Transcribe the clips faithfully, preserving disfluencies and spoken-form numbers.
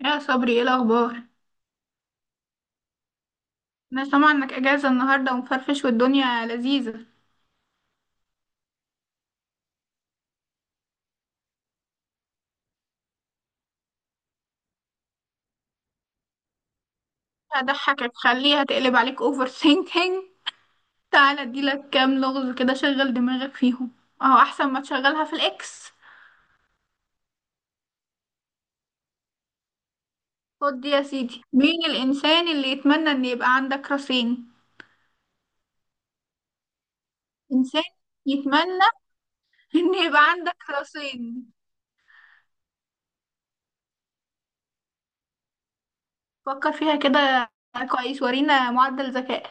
يا صبري، ايه الاخبار؟ انا سامعه انك اجازه النهارده ومفرفش والدنيا لذيذه. هضحكك، خليها تقلب عليك اوفر ثينكينج. تعالى اديلك كام لغز كده شغل دماغك فيهم، اهو احسن ما تشغلها في الاكس. خد دي يا سيدي، مين الانسان اللي يتمنى ان يبقى عندك راسين؟ انسان يتمنى ان يبقى عندك راسين. فكر فيها كده كويس، ورينا معدل ذكاء.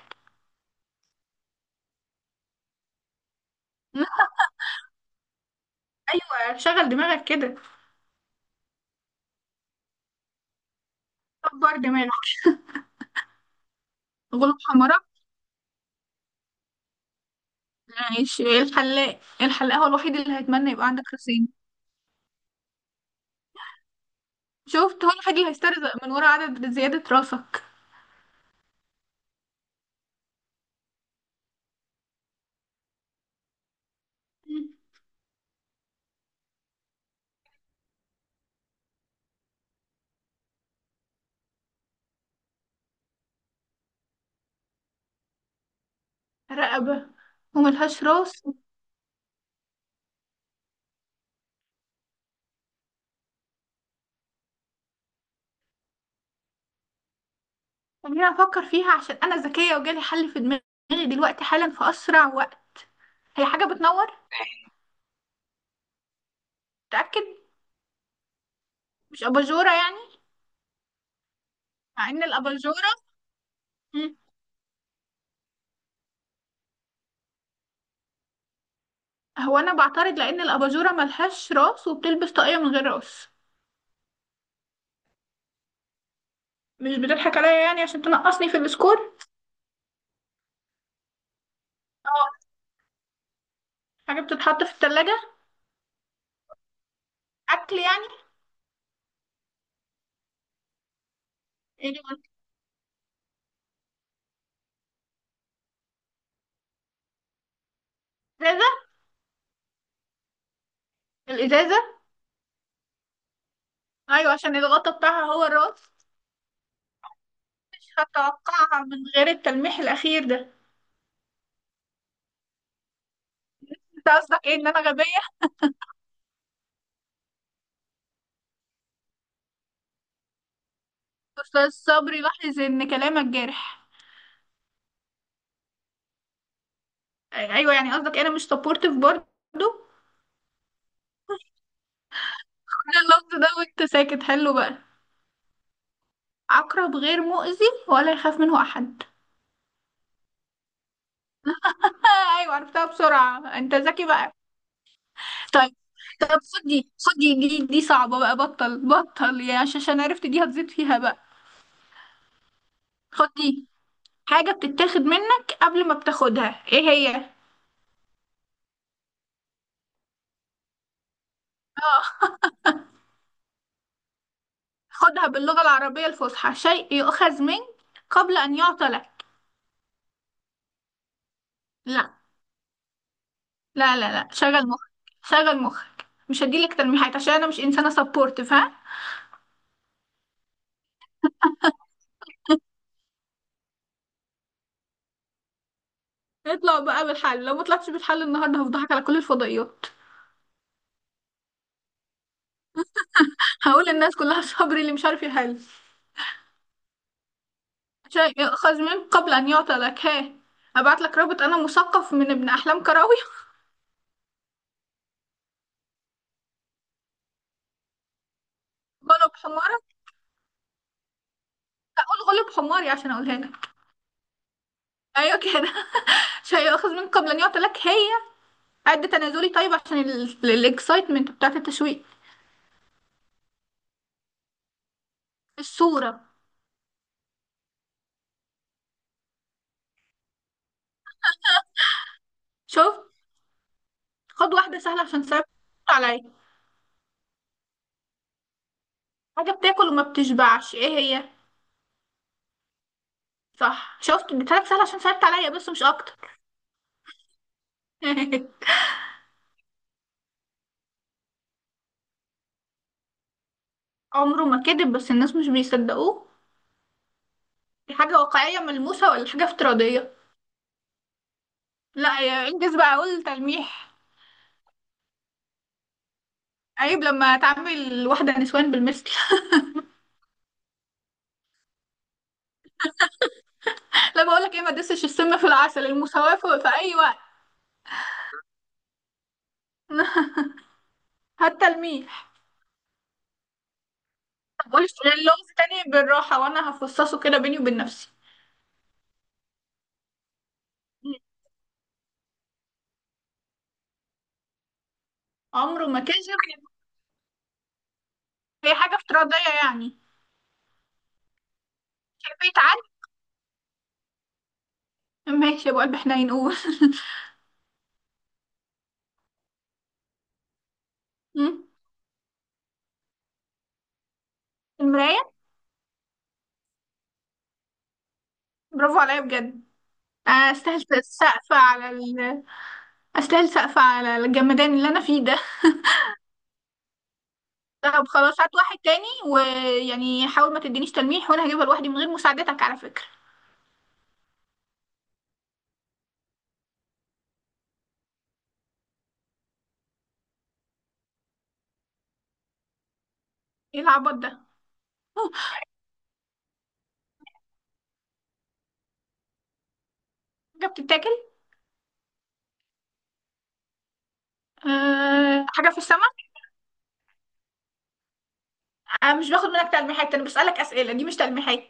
ايوه شغل دماغك كده، كبر دماغك. غلوب حمراء. ماشي، إيه؟ الحلاق، الحلاق هو الوحيد اللي هيتمنى يبقى عندك راسين. شفت، هو الوحيد اللي هيسترزق من ورا عدد زيادة راسك. مم. رقبة وملهاش راس. خليني أفكر فيها، عشان أنا ذكية وجالي حل في دماغي دلوقتي حالا في أسرع وقت. هي حاجة بتنور؟ متأكد؟ مش أباجورة يعني؟ مع إن الأباجورة. مم. هو أنا بعترض لأن الأباجورة ملهاش راس وبتلبس طاقية من غير راس. مش بتضحك عليا يعني عشان تنقصني في السكور؟ اه. حاجة بتتحط في التلاجة؟ أكل يعني؟ إيه ده؟ الإزازة. أيوة، عشان الغطا بتاعها هو الراس. مش هتوقعها من غير التلميح الأخير ده. أنت قصدك إيه؟ إن أنا غبية؟ أستاذ صبري، لاحظ إن كلامك جارح. أيوة يعني قصدك إيه، أنا مش سبورتيف برضه؟ كل اللفظ ده وأنت ساكت، حلو بقى. عقرب غير مؤذي ولا يخاف منه أحد. آه، أيوة عرفتها بسرعة، أنت ذكي بقى. طيب، طب خد دي، خد دي، دي دي صعبة بقى، بطل بطل يا عش- عشان عرفت دي هتزيد فيها بقى. خد دي. حاجة بتتاخد منك قبل ما بتاخدها، ايه هي؟ خدها باللغة العربية الفصحى: شيء يؤخذ منك قبل أن يعطى لك. لا لا لا لا شغل مخك. شغل مخك، مش هديلك تلميحات عشان أنا مش إنسانة سبورت، فاهم؟ اطلع بقى بالحل، لو ما طلعتش بالحل النهاردة هفضحك على كل الفضائيات. هقول للناس كلها صبري اللي مش عارف يحل. شيء يؤخذ منك قبل أن يعطى لك، ها. أبعت لك رابط أنا مثقف من ابن أحلام كراوي. غلب حمارك. أقول غلب حماري عشان أقولها لك. أيوة كده. شيء يؤخذ منك قبل أن يعطى لك، هي قد تنازلي طيب عشان الاكسايتمنت بتاعت التشويق. الصورة. شوف، خد واحدة سهلة عشان صعبت عليا. حاجة بتاكل وما بتشبعش، ايه هي؟ صح، شفت؟ اديتهالك سهلة عشان صعبت عليا بس مش اكتر. عمره ما كذب بس الناس مش بيصدقوه. دي حاجة واقعية ملموسة ولا حاجة افتراضية؟ لا يا انجز بقى، اقول تلميح. عيب لما تعمل واحدة نسوان بالمثل. لا بقولك ايه، ما تدسش السم في العسل، المساواة في في اي وقت. هات تلميح. بقولش اللغز تاني بالراحة وأنا هفصصه كده بيني وبين نفسي. مم. عمره ما كذب. هي حاجة افتراضية يعني؟ تحبي تعلم. ماشي يا أبو قلب حنين، قول. مم. المراية. برافو عليا بجد. أستاهل سقف على ال... أستاهل سقف على الجمدان اللي أنا فيه ده. طب خلاص، هات واحد تاني، ويعني حاول ما تدينيش تلميح وأنا هجيبها لوحدي من غير مساعدتك على فكرة. إيه العبط ده؟ أوه، حاجة بتتاكل؟ أه... حاجة في السماء؟ أه، مش باخد منك تلميحات، أنا بسألك أسئلة، دي مش تلميحات.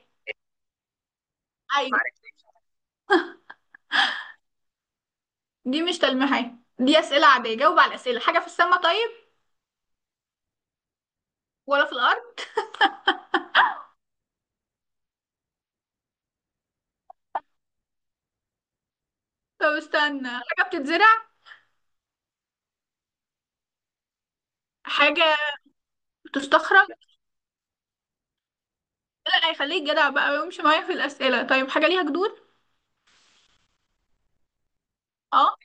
ايوه، دي مش تلميحات، دي أسئلة عادية، جاوب على الأسئلة. حاجة في السماء طيب ولا في الأرض؟ طب استنى، حاجة بتتزرع؟ حاجة بتستخرج. لا هيخليك جدع بقى ويمشي معايا في الأسئلة. طيب حاجة ليها جذور؟ اه.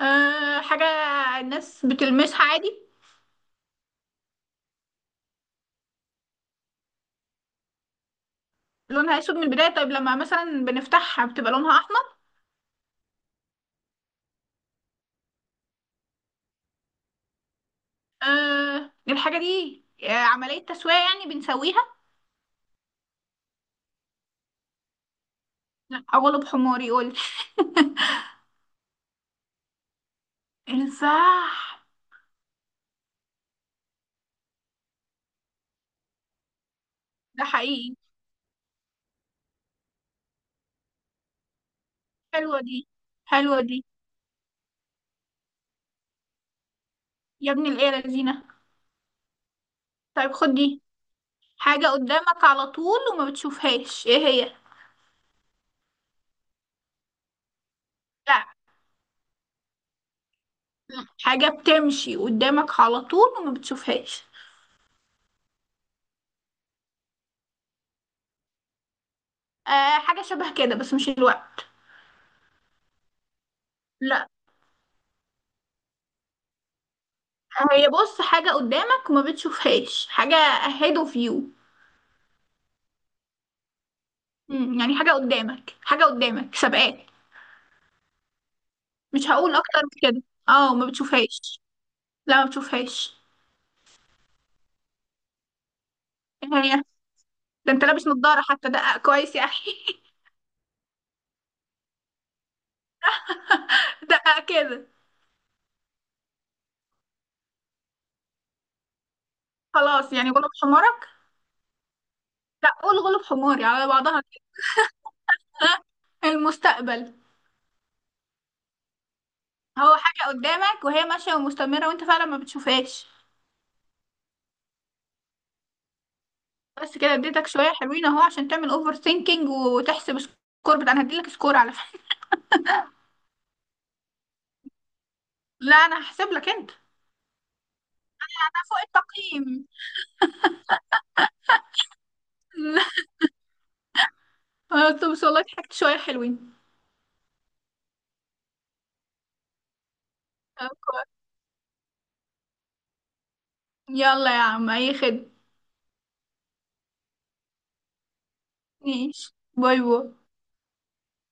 آه، حاجة الناس بتلمسها عادي؟ لونها أسود من البداية، طيب لما مثلا بنفتحها بتبقى لونها أحمر؟ آه الحاجة دي. آه، عملية تسوية يعني، بنسويها؟ لا أغلب حماري، قول. صح. ده حقيقي. حلوة دي، حلوة دي، يا ابن الإيه يا لذينة. طيب خد دي. حاجة قدامك على طول وما بتشوفهاش، ايه هي؟ لا. حاجة بتمشي قدامك على طول وما بتشوفهاش. آه حاجة شبه كده بس مش الوقت. لا. هي بص، حاجة قدامك وما بتشوفهاش. حاجة ahead of you. مم، يعني حاجة قدامك، حاجة قدامك سابقاك. مش هقول اكتر من كده. اه ما بتشوفهاش. لا ما بتشوفهاش. ايه هي؟ ده انت لابس نضارة حتى، دقق كويس يا اخي. دقق كده. خلاص يعني غلب حمارك. لا قول غلب حماري على بعضها كده. المستقبل. هو حاجة قدامك وهي ماشية ومستمرة وانت فعلا ما بتشوفهاش. بس كده، اديتك شوية حلوين اهو عشان تعمل اوفر ثينكينج، وتحسب سكور بتاع، انا هديلك سكور على فكرة. لا انا هحسب لك انت. انا فوق التقييم. انا قلت بس والله ضحكت شوية حلوين. طب كويس. يلا يا عم، اي خدمة. ماشي، باي باي.